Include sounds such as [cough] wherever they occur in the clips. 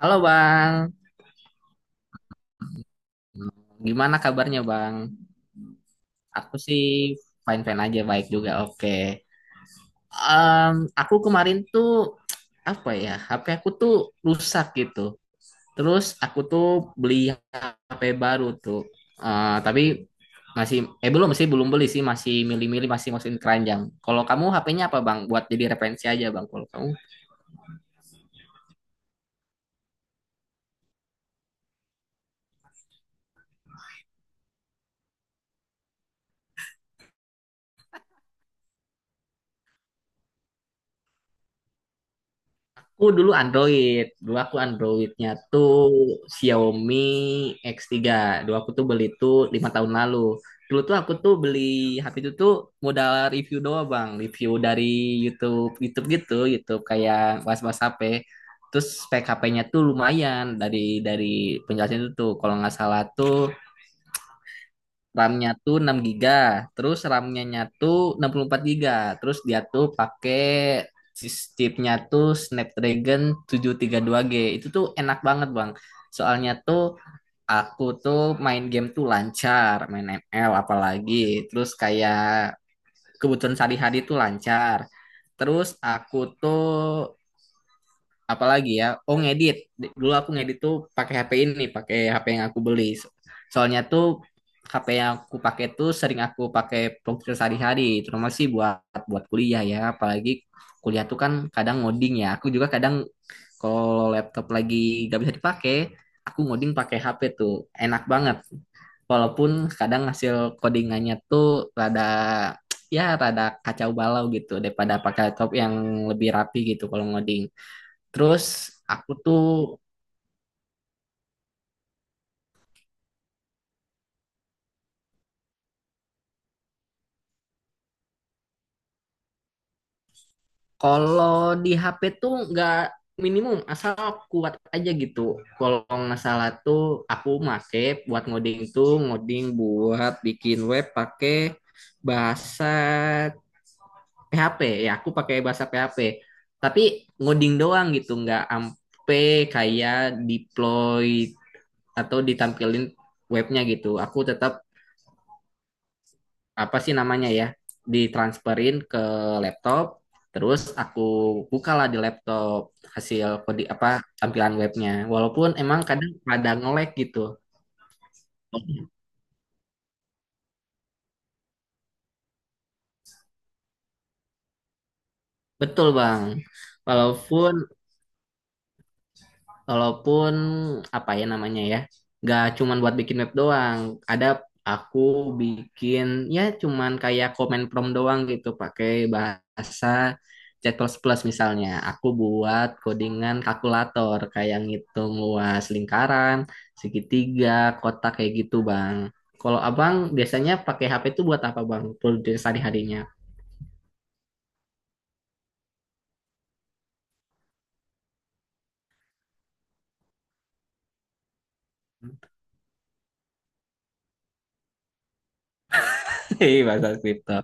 Halo Bang, gimana kabarnya Bang? Aku sih fine-fine aja, baik juga, oke. Em, aku kemarin tuh, apa ya, HP aku tuh rusak gitu. Terus aku tuh beli HP baru tuh. Eh, tapi masih, eh belum sih, belum beli sih, masih milih-milih, masih masukin keranjang. Kalau kamu HP-nya apa Bang? Buat jadi referensi aja Bang, kalau kamu. Aku dulu Android, dulu aku Androidnya tuh Xiaomi X3. Dulu aku tuh beli tuh 5 tahun lalu. Dulu tuh aku tuh beli HP itu tuh modal review doang bang, review dari YouTube, YouTube gitu, YouTube kayak was-was HP. Terus spek HP-nya tuh lumayan dari penjelasan itu tuh, kalau nggak salah tuh RAM-nya tuh 6 giga, terus RAM-nya tuh 64 giga, terus dia tuh pakai chipnya tuh Snapdragon 732G. Itu tuh enak banget, Bang. Soalnya tuh aku tuh main game tuh lancar, main ML apalagi, terus kayak kebutuhan sehari-hari tuh lancar. Terus aku tuh apalagi ya oh ngedit dulu aku ngedit tuh pakai HP ini pakai HP yang aku beli soalnya tuh HP yang aku pakai tuh sering aku pakai produktif sehari-hari terutama sih buat buat kuliah ya apalagi kuliah tuh kan kadang ngoding ya aku juga kadang kalau laptop lagi gak bisa dipakai aku ngoding pakai HP tuh enak banget walaupun kadang hasil codingannya tuh rada ya rada kacau balau gitu daripada pakai laptop yang lebih rapi gitu kalau ngoding. Terus aku tuh kalau di HP tuh nggak minimum asal kuat aja gitu. Kalau nggak salah tuh aku make buat ngoding tuh ngoding buat bikin web pakai bahasa PHP. Ya aku pakai bahasa PHP. Tapi ngoding doang gitu nggak ampe kayak deploy atau ditampilin webnya gitu. Aku tetap apa sih namanya ya ditransferin ke laptop terus aku bukalah di laptop hasil kode apa tampilan webnya walaupun emang kadang pada nge-lag gitu betul bang walaupun Walaupun apa ya namanya ya, nggak cuman buat bikin web doang. Ada aku bikin ya cuman kayak komen prompt doang gitu pakai bahasa C++ plus misalnya. Aku buat codingan kalkulator kayak ngitung luas lingkaran, segitiga, kotak kayak gitu, Bang. Kalau Abang biasanya pakai HP itu buat apa, Bang? Produksi sehari-harinya. [laughs] Hei, bahasa kripto.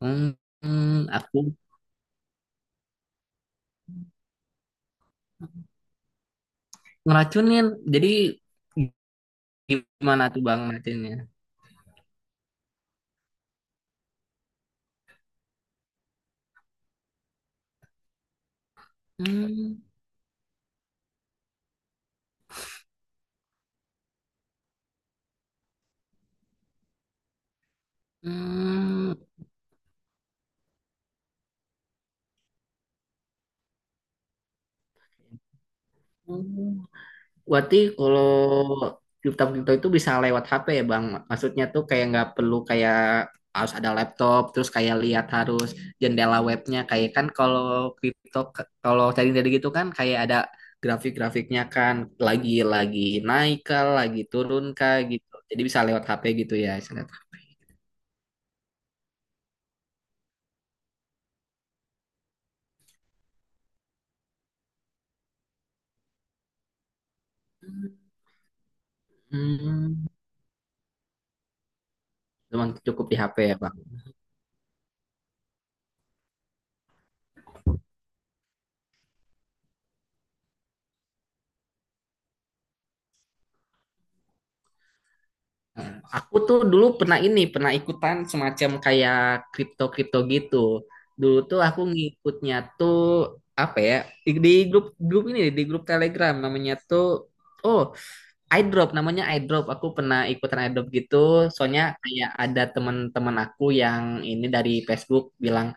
Hmm, hmm, aku ngeracunin. Jadi gimana tuh Bang Martinnya? Hmm, hmm, hmm. Berarti kalau kripto-kripto itu bisa lewat HP ya Bang? Maksudnya tuh kayak nggak perlu kayak harus ada laptop, terus kayak lihat harus jendela webnya. Kayak kan kalau kripto, kalau trading dari gitu kan kayak ada grafik-grafiknya kan lagi-lagi naik kah, lagi turun kah gitu. Jadi bisa lewat HP gitu ya, istilahnya. Hmm, cuman cukup di HP ya Bang. Aku tuh dulu pernah ini, pernah ikutan semacam kayak kripto-kripto gitu. Dulu tuh aku ngikutnya tuh apa ya? Di grup grup ini di grup Telegram namanya tuh oh, iDrop namanya iDrop. Aku pernah ikutan iDrop gitu. Soalnya kayak ada teman-teman aku yang ini dari Facebook bilang,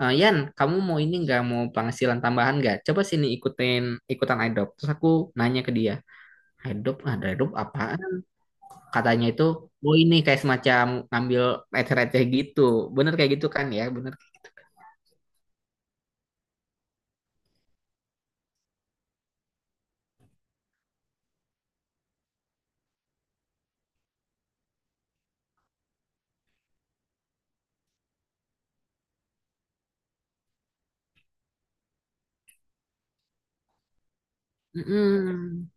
"Eh, Yan, kamu mau ini nggak mau penghasilan tambahan nggak? Coba sini ikutin ikutan iDrop." Terus aku nanya ke dia, "iDrop, ada iDrop apa?" Katanya itu oh ini kayak semacam ngambil receh-receh gitu bener kayak gitu kan ya bener. Mm-mm.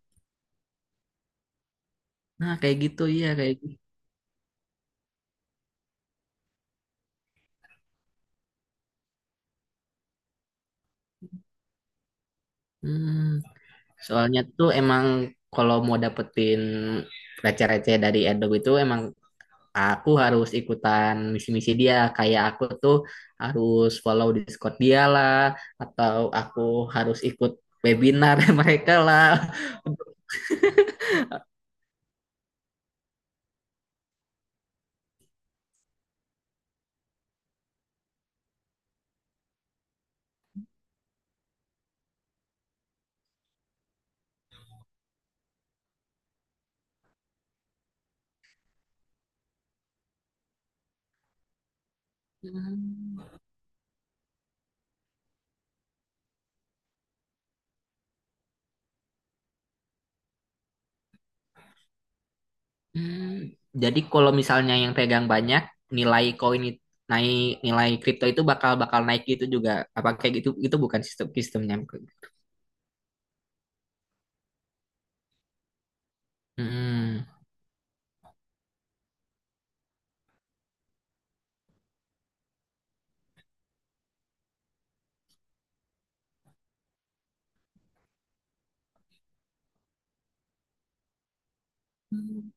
Nah kayak gitu iya kayak gitu. Mm. Soalnya tuh emang kalau mau dapetin receh-receh dari Adobe itu emang aku harus ikutan misi-misi dia kayak aku tuh harus follow Discord dia lah atau aku harus ikut webinar [laughs] mereka lah. Mm. Hmm, jadi kalau misalnya yang pegang banyak, nilai koin naik, nilai kripto itu bakal bakal naik gitu juga. Apa kayak gitu? Itu bukan sistem sistemnya. Hmm. Hmm.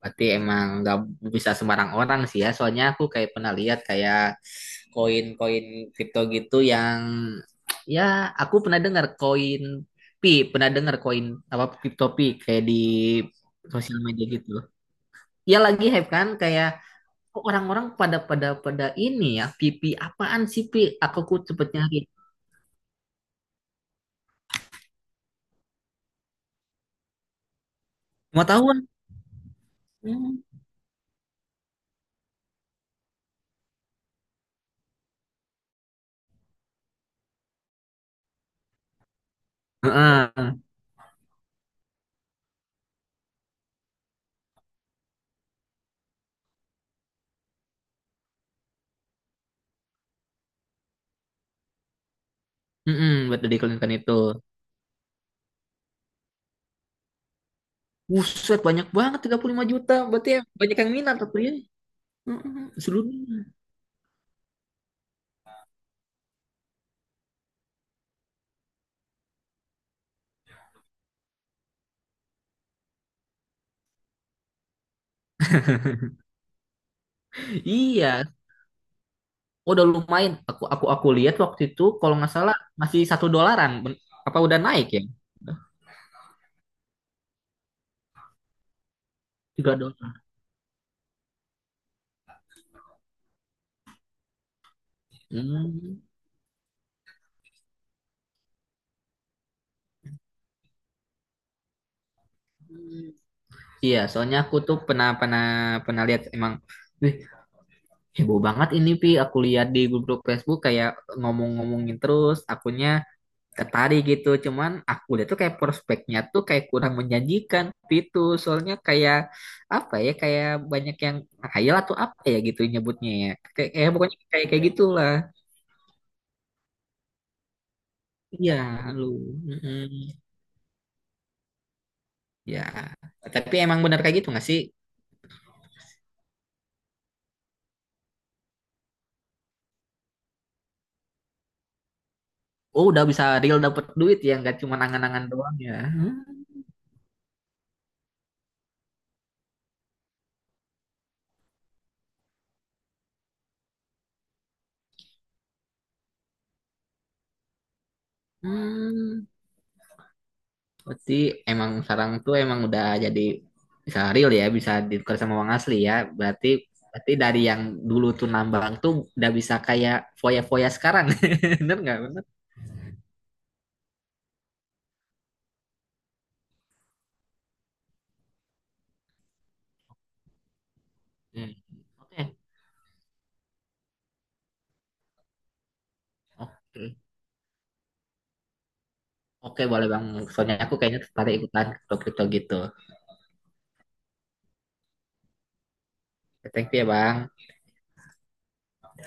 Berarti emang nggak bisa sembarang orang sih ya. Soalnya aku kayak pernah lihat kayak koin-koin kripto gitu yang ya aku pernah dengar koin pi, pernah dengar koin apa kripto pi kayak di sosial media gitu. Ya lagi hype kan kayak kok orang-orang pada pada pada ini ya pipi apaan sih pi aku ku cepet nyari mau tahu kan. Hmm. Heeh. Buat diiklankan itu buset banyak banget 35 juta berarti ya banyak yang minat tuh ya. Mm-mm, seluruhnya. Iya udah lumayan aku lihat waktu itu kalau nggak salah masih 1 dolaran. Apa udah naik ya? 3 dolar. Hmm. Iya, soalnya aku tuh pernah pernah pernah lihat emang, wih. Heboh banget ini Pi, aku lihat di grup-grup Facebook kayak ngomong-ngomongin terus, akunya tertarik gitu. Cuman aku lihat tuh kayak prospeknya tuh kayak kurang menjanjikan itu. Soalnya kayak apa ya, kayak banyak yang khayal atau apa ya gitu nyebutnya ya. Kayak pokoknya kayak kayak gitulah. Iya, lu. Mm-mm. Ya, tapi emang bener kayak gitu nggak sih? Oh, udah bisa real dapet duit ya, nggak cuma angan-angan doang ya. Hmm. Berarti emang sarang tuh emang udah jadi bisa real ya, bisa ditukar sama uang asli ya. Berarti berarti dari yang dulu tuh nambang tuh udah bisa kayak foya-foya sekarang. [laughs] Bener nggak? Bener. Hmm. Oke. Oke. Oke boleh bang. Soalnya aku kayaknya tertarik ikutan kripto-kripto gitu. Thank you ya bang.